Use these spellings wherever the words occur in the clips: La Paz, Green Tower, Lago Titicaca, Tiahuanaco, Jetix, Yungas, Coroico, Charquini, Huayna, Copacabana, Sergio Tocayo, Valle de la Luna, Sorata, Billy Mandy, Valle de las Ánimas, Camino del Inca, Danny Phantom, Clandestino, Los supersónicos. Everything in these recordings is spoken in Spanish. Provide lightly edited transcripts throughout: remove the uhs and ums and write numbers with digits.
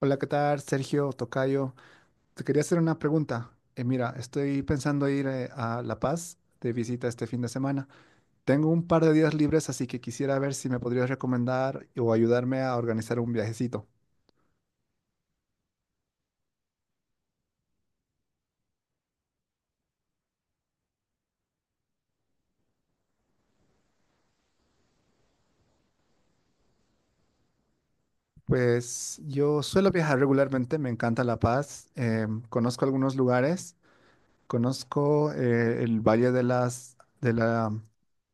Hola, ¿qué tal? Sergio Tocayo. Te quería hacer una pregunta. Mira, estoy pensando ir a La Paz de visita este fin de semana. Tengo un par de días libres, así que quisiera ver si me podrías recomendar o ayudarme a organizar un viajecito. Pues yo suelo viajar regularmente, me encanta La Paz. Conozco algunos lugares, conozco el Valle de la,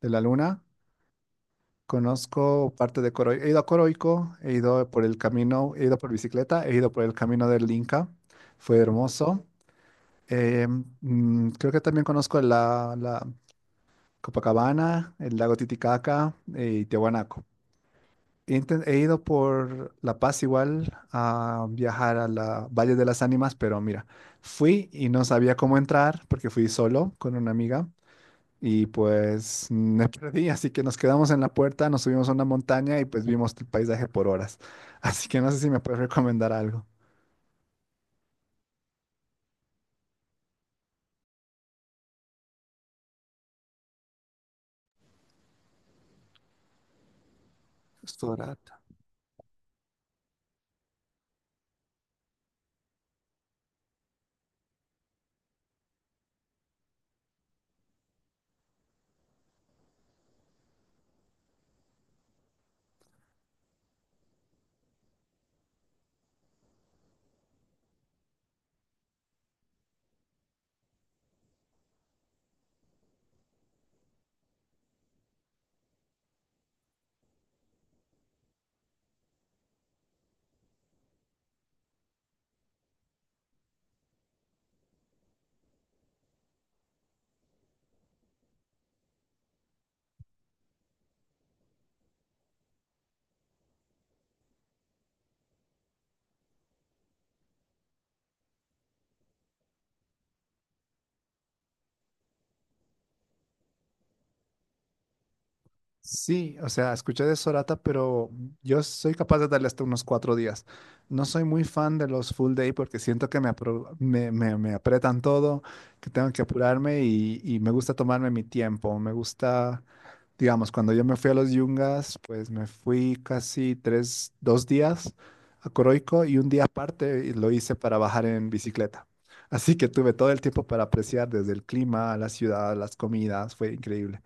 de la Luna. Conozco parte de Coroico. He ido a Coroico, he ido por el camino, he ido por bicicleta, he ido por el camino del Inca. Fue hermoso. Eh, Creo que también conozco la Copacabana, el lago Titicaca y Tiahuanaco. He ido por La Paz igual a viajar a la Valle de las Ánimas, pero mira, fui y no sabía cómo entrar porque fui solo con una amiga. Y pues me perdí, así que nos quedamos en la puerta, nos subimos a una montaña y pues vimos el paisaje por horas. Así que no sé si me puedes recomendar algo. Sorata. Sí, o sea, escuché de Sorata, pero yo soy capaz de darle hasta unos 4 días. No soy muy fan de los full day porque siento que me, apro- me- me apretan todo, que tengo que apurarme y me gusta tomarme mi tiempo. Me gusta. Digamos, cuando yo me fui a los Yungas, pues me fui casi tres, dos días a Coroico y un día aparte lo hice para bajar en bicicleta. Así que tuve todo el tiempo para apreciar desde el clima, la ciudad, las comidas, fue increíble.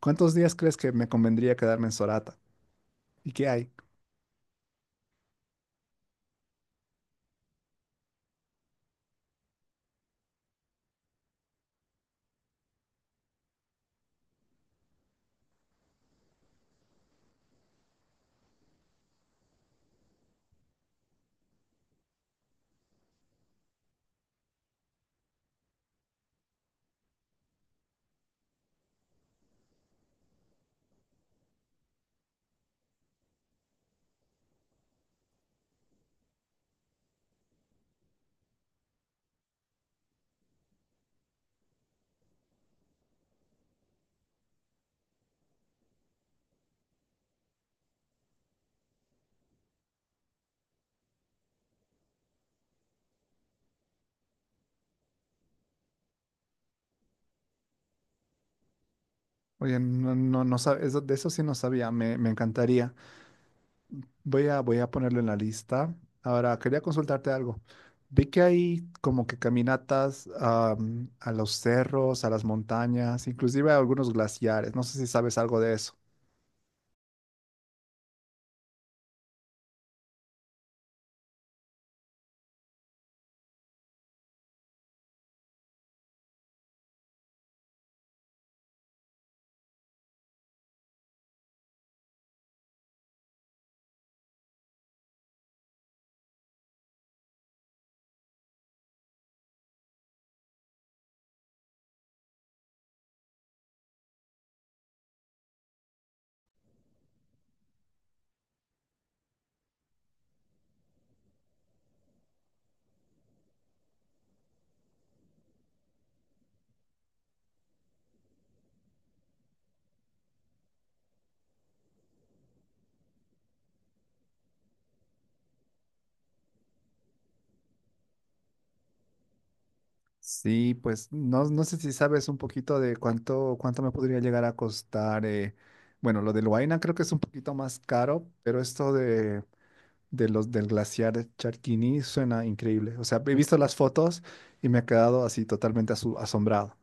¿Cuántos días crees que me convendría quedarme en Sorata? ¿Y qué hay? Oye, no, no, de eso sí no sabía, me encantaría. Voy a ponerlo en la lista. Ahora, quería consultarte algo. Vi que hay como que caminatas a los cerros, a las montañas, inclusive a algunos glaciares. No sé si sabes algo de eso. Sí, pues no, no sé si sabes un poquito de cuánto me podría llegar a costar. Bueno, lo de Huayna creo que es un poquito más caro, pero esto de los del glaciar Charquini suena increíble. O sea, he visto las fotos y me he quedado así totalmente asombrado.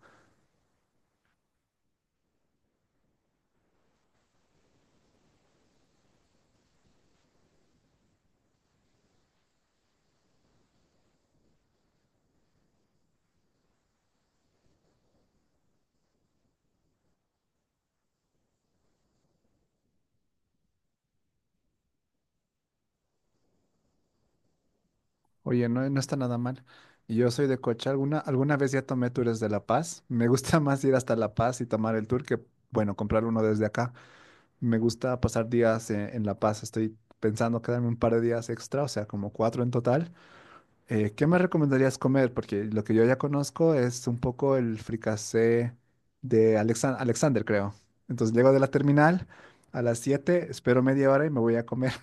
Oye, no, no está nada mal. Y yo soy de coche. Alguna vez ya tomé tours de La Paz. Me gusta más ir hasta La Paz y tomar el tour que, bueno, comprar uno desde acá. Me gusta pasar días en La Paz. Estoy pensando quedarme un par de días extra, o sea, como cuatro en total. ¿Qué me recomendarías comer? Porque lo que yo ya conozco es un poco el fricasé de Alexander, creo. Entonces llego de la terminal a las 7, espero media hora y me voy a comer.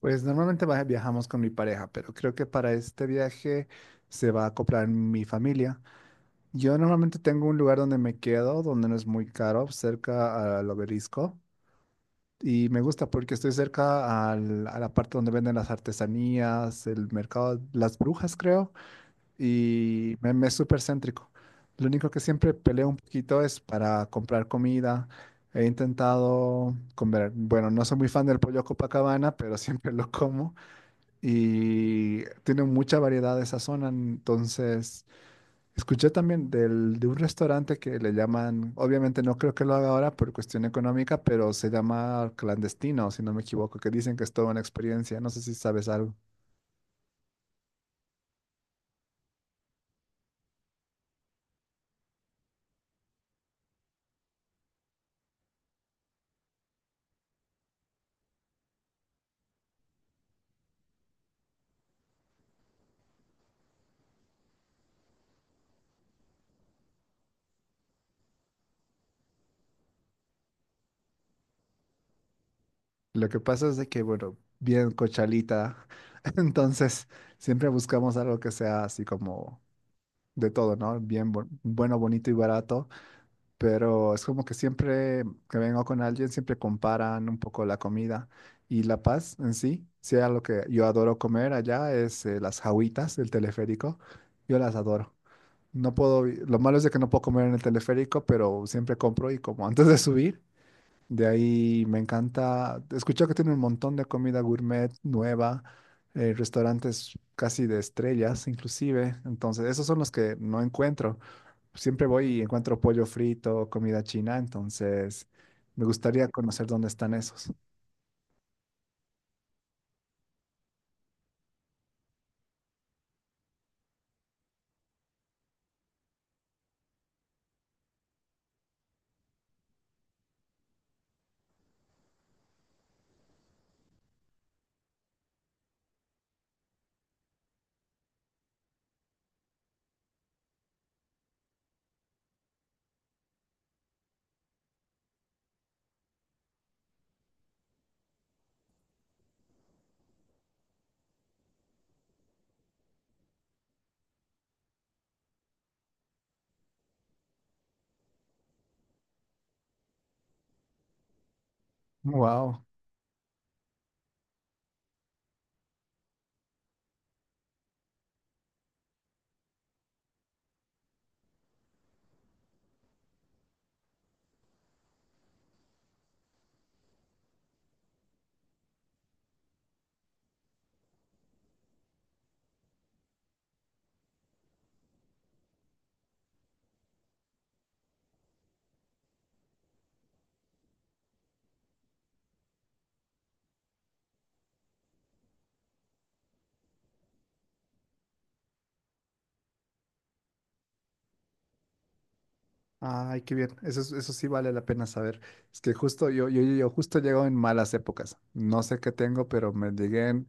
Pues normalmente viajamos con mi pareja, pero creo que para este viaje se va a acoplar mi familia. Yo normalmente tengo un lugar donde me quedo, donde no es muy caro, cerca al obelisco. Y me gusta porque estoy cerca a la parte donde venden las artesanías, el mercado, las brujas, creo, y me es súper céntrico. Lo único que siempre peleo un poquito es para comprar comida. He intentado comer, bueno, no soy muy fan del pollo Copacabana, pero siempre lo como y tiene mucha variedad esa zona. Entonces, escuché también del, de un restaurante que le llaman, obviamente no creo que lo haga ahora por cuestión económica, pero se llama Clandestino, si no me equivoco, que dicen que es toda una experiencia. No sé si sabes algo. Lo que pasa es de que, bueno, bien cochalita, entonces siempre buscamos algo que sea así como de todo, ¿no? Bien, bueno, bonito y barato. Pero es como que siempre que vengo con alguien, siempre comparan un poco la comida y La Paz en sí. Sea lo que yo adoro comer allá es las jawitas del teleférico. Yo las adoro. No puedo, vi- lo malo es de que no puedo comer en el teleférico, pero siempre compro y como antes de subir. De ahí me encanta, escuché que tiene un montón de comida gourmet nueva, restaurantes casi de estrellas inclusive. Entonces, esos son los que no encuentro. Siempre voy y encuentro pollo frito, comida china, entonces me gustaría conocer dónde están esos. Wow. Ay, qué bien. Eso, es- eso sí vale la pena saber. Es que justo yo justo llego en malas épocas. No sé qué tengo, pero me llegué en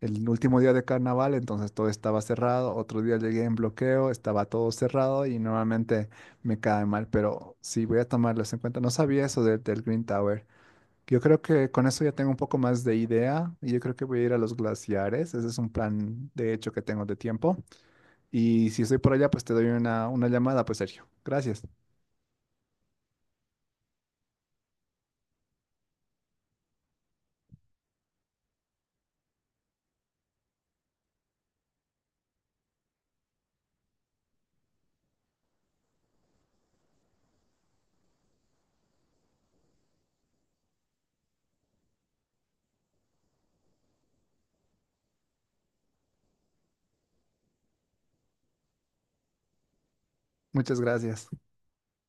el último día de carnaval, entonces todo estaba cerrado. Otro día llegué en bloqueo, estaba todo cerrado y normalmente me cae mal, pero sí voy a tomarlos en cuenta. No sabía eso del Green Tower. Yo creo que con eso ya tengo un poco más de idea y yo creo que voy a ir a los glaciares. Ese es un plan de hecho que tengo de tiempo. Y si estoy por allá, pues te doy una llamada, pues Sergio. Gracias. Muchas gracias.